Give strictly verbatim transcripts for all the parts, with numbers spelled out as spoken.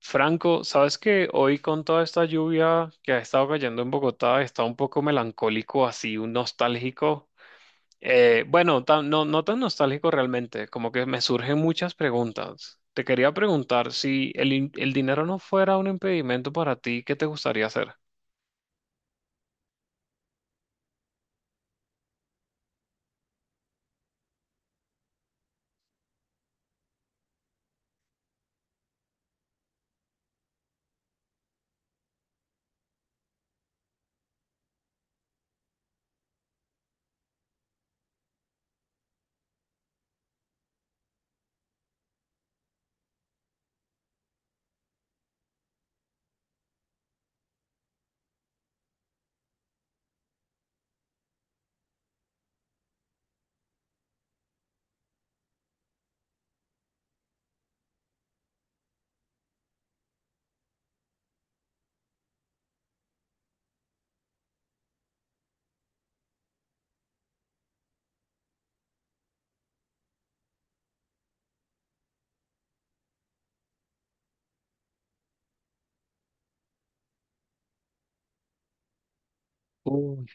Franco, sabes que hoy con toda esta lluvia que ha estado cayendo en Bogotá, está un poco melancólico, así, un nostálgico. Eh, bueno, tan- no, no tan nostálgico realmente, como que me surgen muchas preguntas. Te quería preguntar si el, in- el dinero no fuera un impedimento para ti, ¿qué te gustaría hacer? Uy.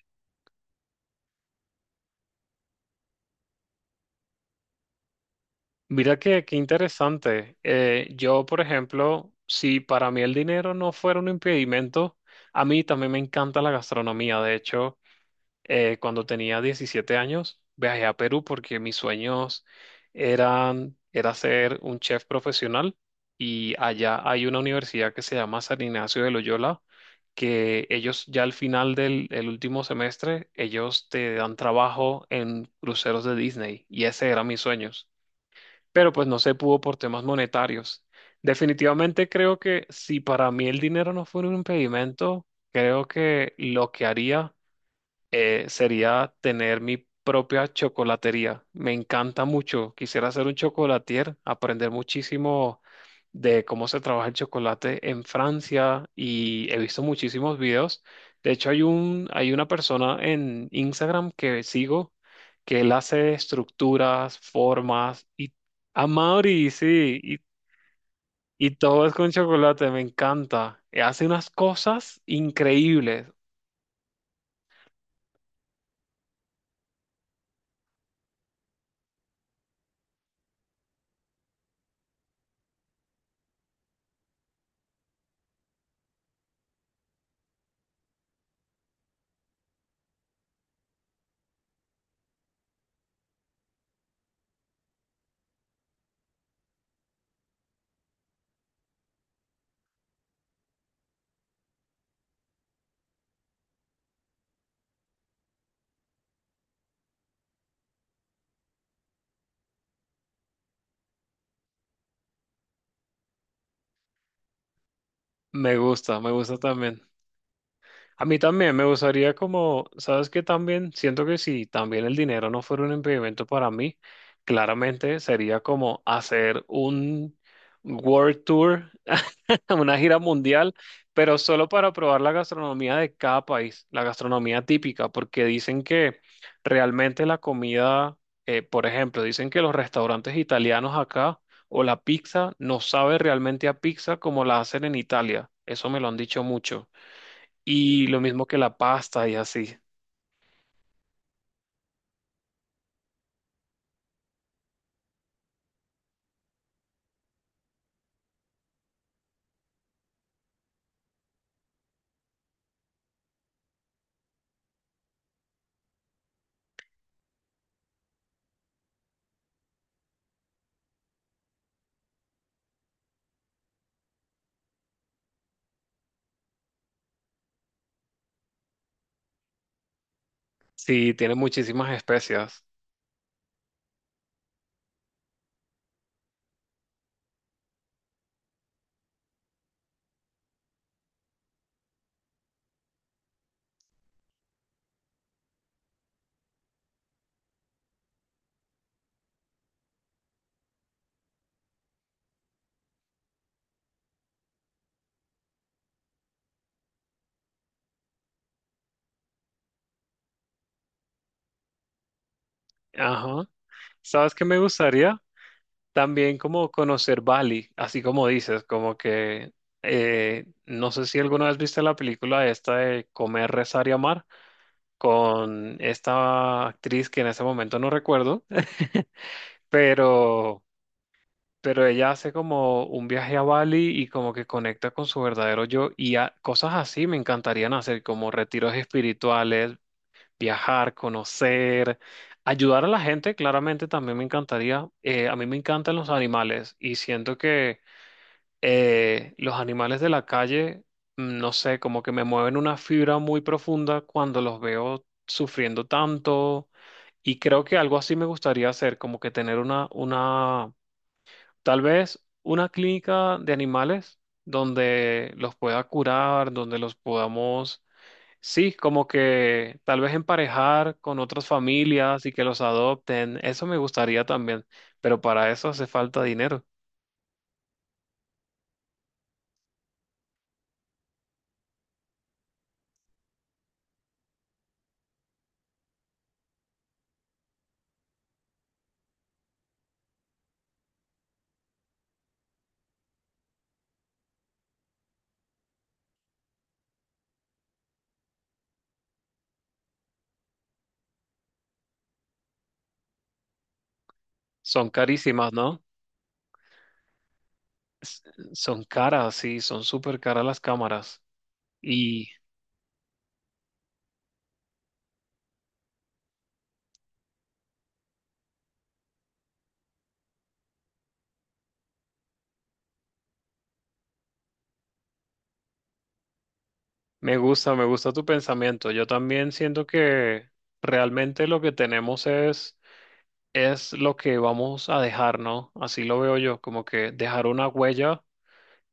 Mira que qué interesante. Eh, yo, por ejemplo, si para mí el dinero no fuera un impedimento, a mí también me encanta la gastronomía. De hecho, eh, cuando tenía diecisiete años, viajé a Perú porque mis sueños eran, era ser un chef profesional, y allá hay una universidad que se llama San Ignacio de Loyola, que ellos ya al final del el último semestre, ellos te dan trabajo en cruceros de Disney y ese era mis sueños, pero pues no se pudo por temas monetarios. Definitivamente creo que si para mí el dinero no fuera un impedimento, creo que lo que haría eh, sería tener mi propia chocolatería. Me encanta mucho. Quisiera ser un chocolatier, aprender muchísimo de cómo se trabaja el chocolate en Francia y he visto muchísimos videos. De hecho, hay un, hay una persona en Instagram que sigo que él hace estructuras, formas y a Mauri, sí, y, y todo es con chocolate, me encanta. Hace unas cosas increíbles. Me gusta, me gusta también. A mí también me gustaría como, ¿sabes qué? También siento que si también el dinero no fuera un impedimento para mí, claramente sería como hacer un World Tour, una gira mundial, pero solo para probar la gastronomía de cada país, la gastronomía típica, porque dicen que realmente la comida, eh, por ejemplo, dicen que los restaurantes italianos acá o la pizza no sabe realmente a pizza como la hacen en Italia. Eso me lo han dicho mucho. Y lo mismo que la pasta y así. Sí, tiene muchísimas especias. Ajá. ¿Sabes qué me gustaría? También como conocer Bali, así como dices, como que eh, no sé si alguna vez viste la película esta de Comer, Rezar y Amar con esta actriz que en ese momento no recuerdo, pero, pero ella hace como un viaje a Bali y como que conecta con su verdadero yo y a- cosas así me encantarían hacer, como retiros espirituales, viajar, conocer, ayudar a la gente, claramente también me encantaría. Eh, a mí me encantan los animales y siento que eh, los animales de la calle, mm, no sé, como que me mueven una fibra muy profunda cuando los veo sufriendo tanto, y creo que algo así me gustaría hacer, como que tener una, una, tal vez una clínica de animales donde los pueda curar, donde los podamos. Sí, como que tal vez emparejar con otras familias y que los adopten, eso me gustaría también, pero para eso hace falta dinero. Son carísimas, ¿no? S- Son caras, sí, son súper caras las cámaras. Y me gusta, me gusta tu pensamiento. Yo también siento que realmente lo que tenemos es, es lo que vamos a dejar, ¿no? Así lo veo yo, como que dejar una huella.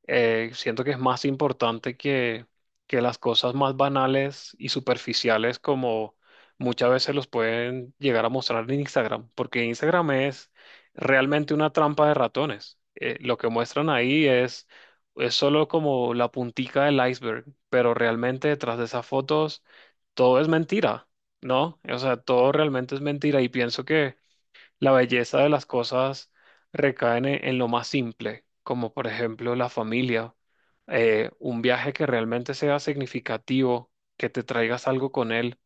eh, Siento que es más importante que, que las cosas más banales y superficiales como muchas veces los pueden llegar a mostrar en Instagram, porque Instagram es realmente una trampa de ratones. Eh, lo que muestran ahí es, es solo como la puntica del iceberg, pero realmente detrás de esas fotos todo es mentira, ¿no? O sea, todo realmente es mentira y pienso que la belleza de las cosas recae en, en lo más simple, como por ejemplo la familia, eh, un viaje que realmente sea significativo, que te traigas algo con él.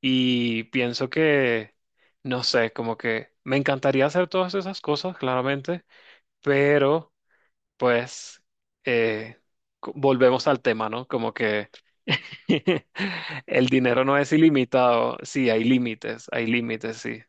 Y pienso que, no sé, como que me encantaría hacer todas esas cosas, claramente, pero pues eh, co- volvemos al tema, ¿no? Como que el dinero no es ilimitado, sí, hay límites, hay límites, sí,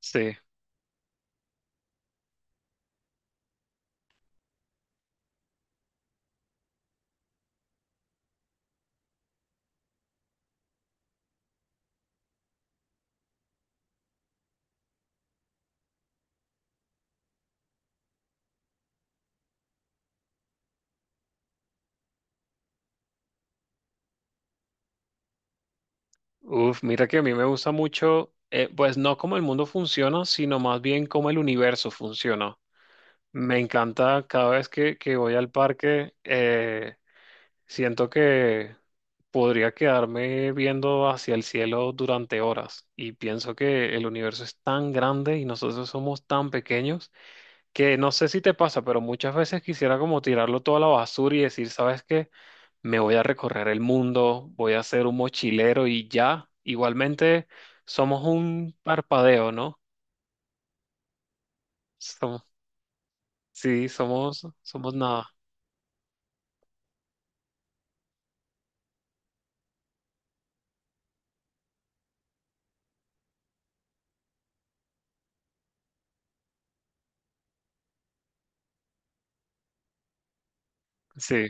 sí. Uf, mira que a mí me gusta mucho, eh, pues no cómo el mundo funciona, sino más bien cómo el universo funciona. Me encanta cada vez que, que voy al parque, eh, siento que podría quedarme viendo hacia el cielo durante horas y pienso que el universo es tan grande y nosotros somos tan pequeños que no sé si te pasa, pero muchas veces quisiera como tirarlo todo a la basura y decir, ¿sabes qué? Me voy a recorrer el mundo, voy a ser un mochilero y ya, igualmente somos un parpadeo, ¿no? Som- sí, somos, somos nada, sí.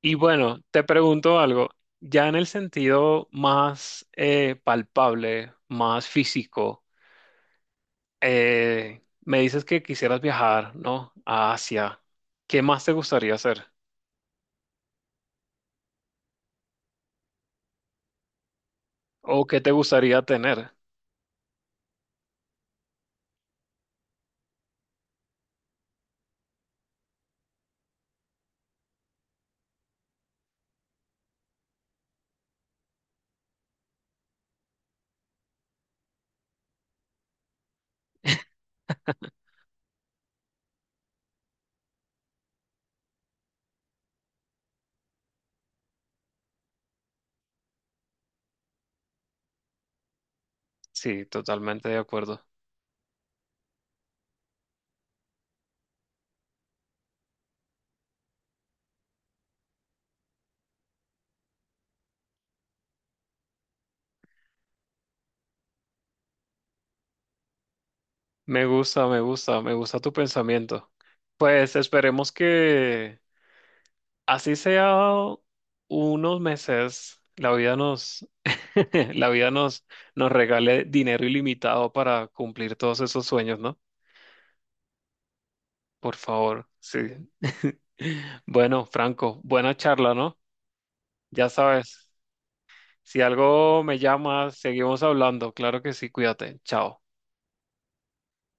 Y bueno, te pregunto algo, ya en el sentido más eh, palpable, más físico, eh, me dices que quisieras viajar, ¿no? A Asia. ¿Qué más te gustaría hacer? ¿O qué te gustaría tener? Sí, totalmente de acuerdo. Me gusta, me gusta, me gusta tu pensamiento. Pues esperemos que así sea unos meses, la vida nos, la vida nos, nos regale dinero ilimitado para cumplir todos esos sueños, ¿no? Por favor, sí. Bueno, Franco, buena charla, ¿no? Ya sabes, si algo me llama, seguimos hablando. Claro que sí, cuídate. Chao.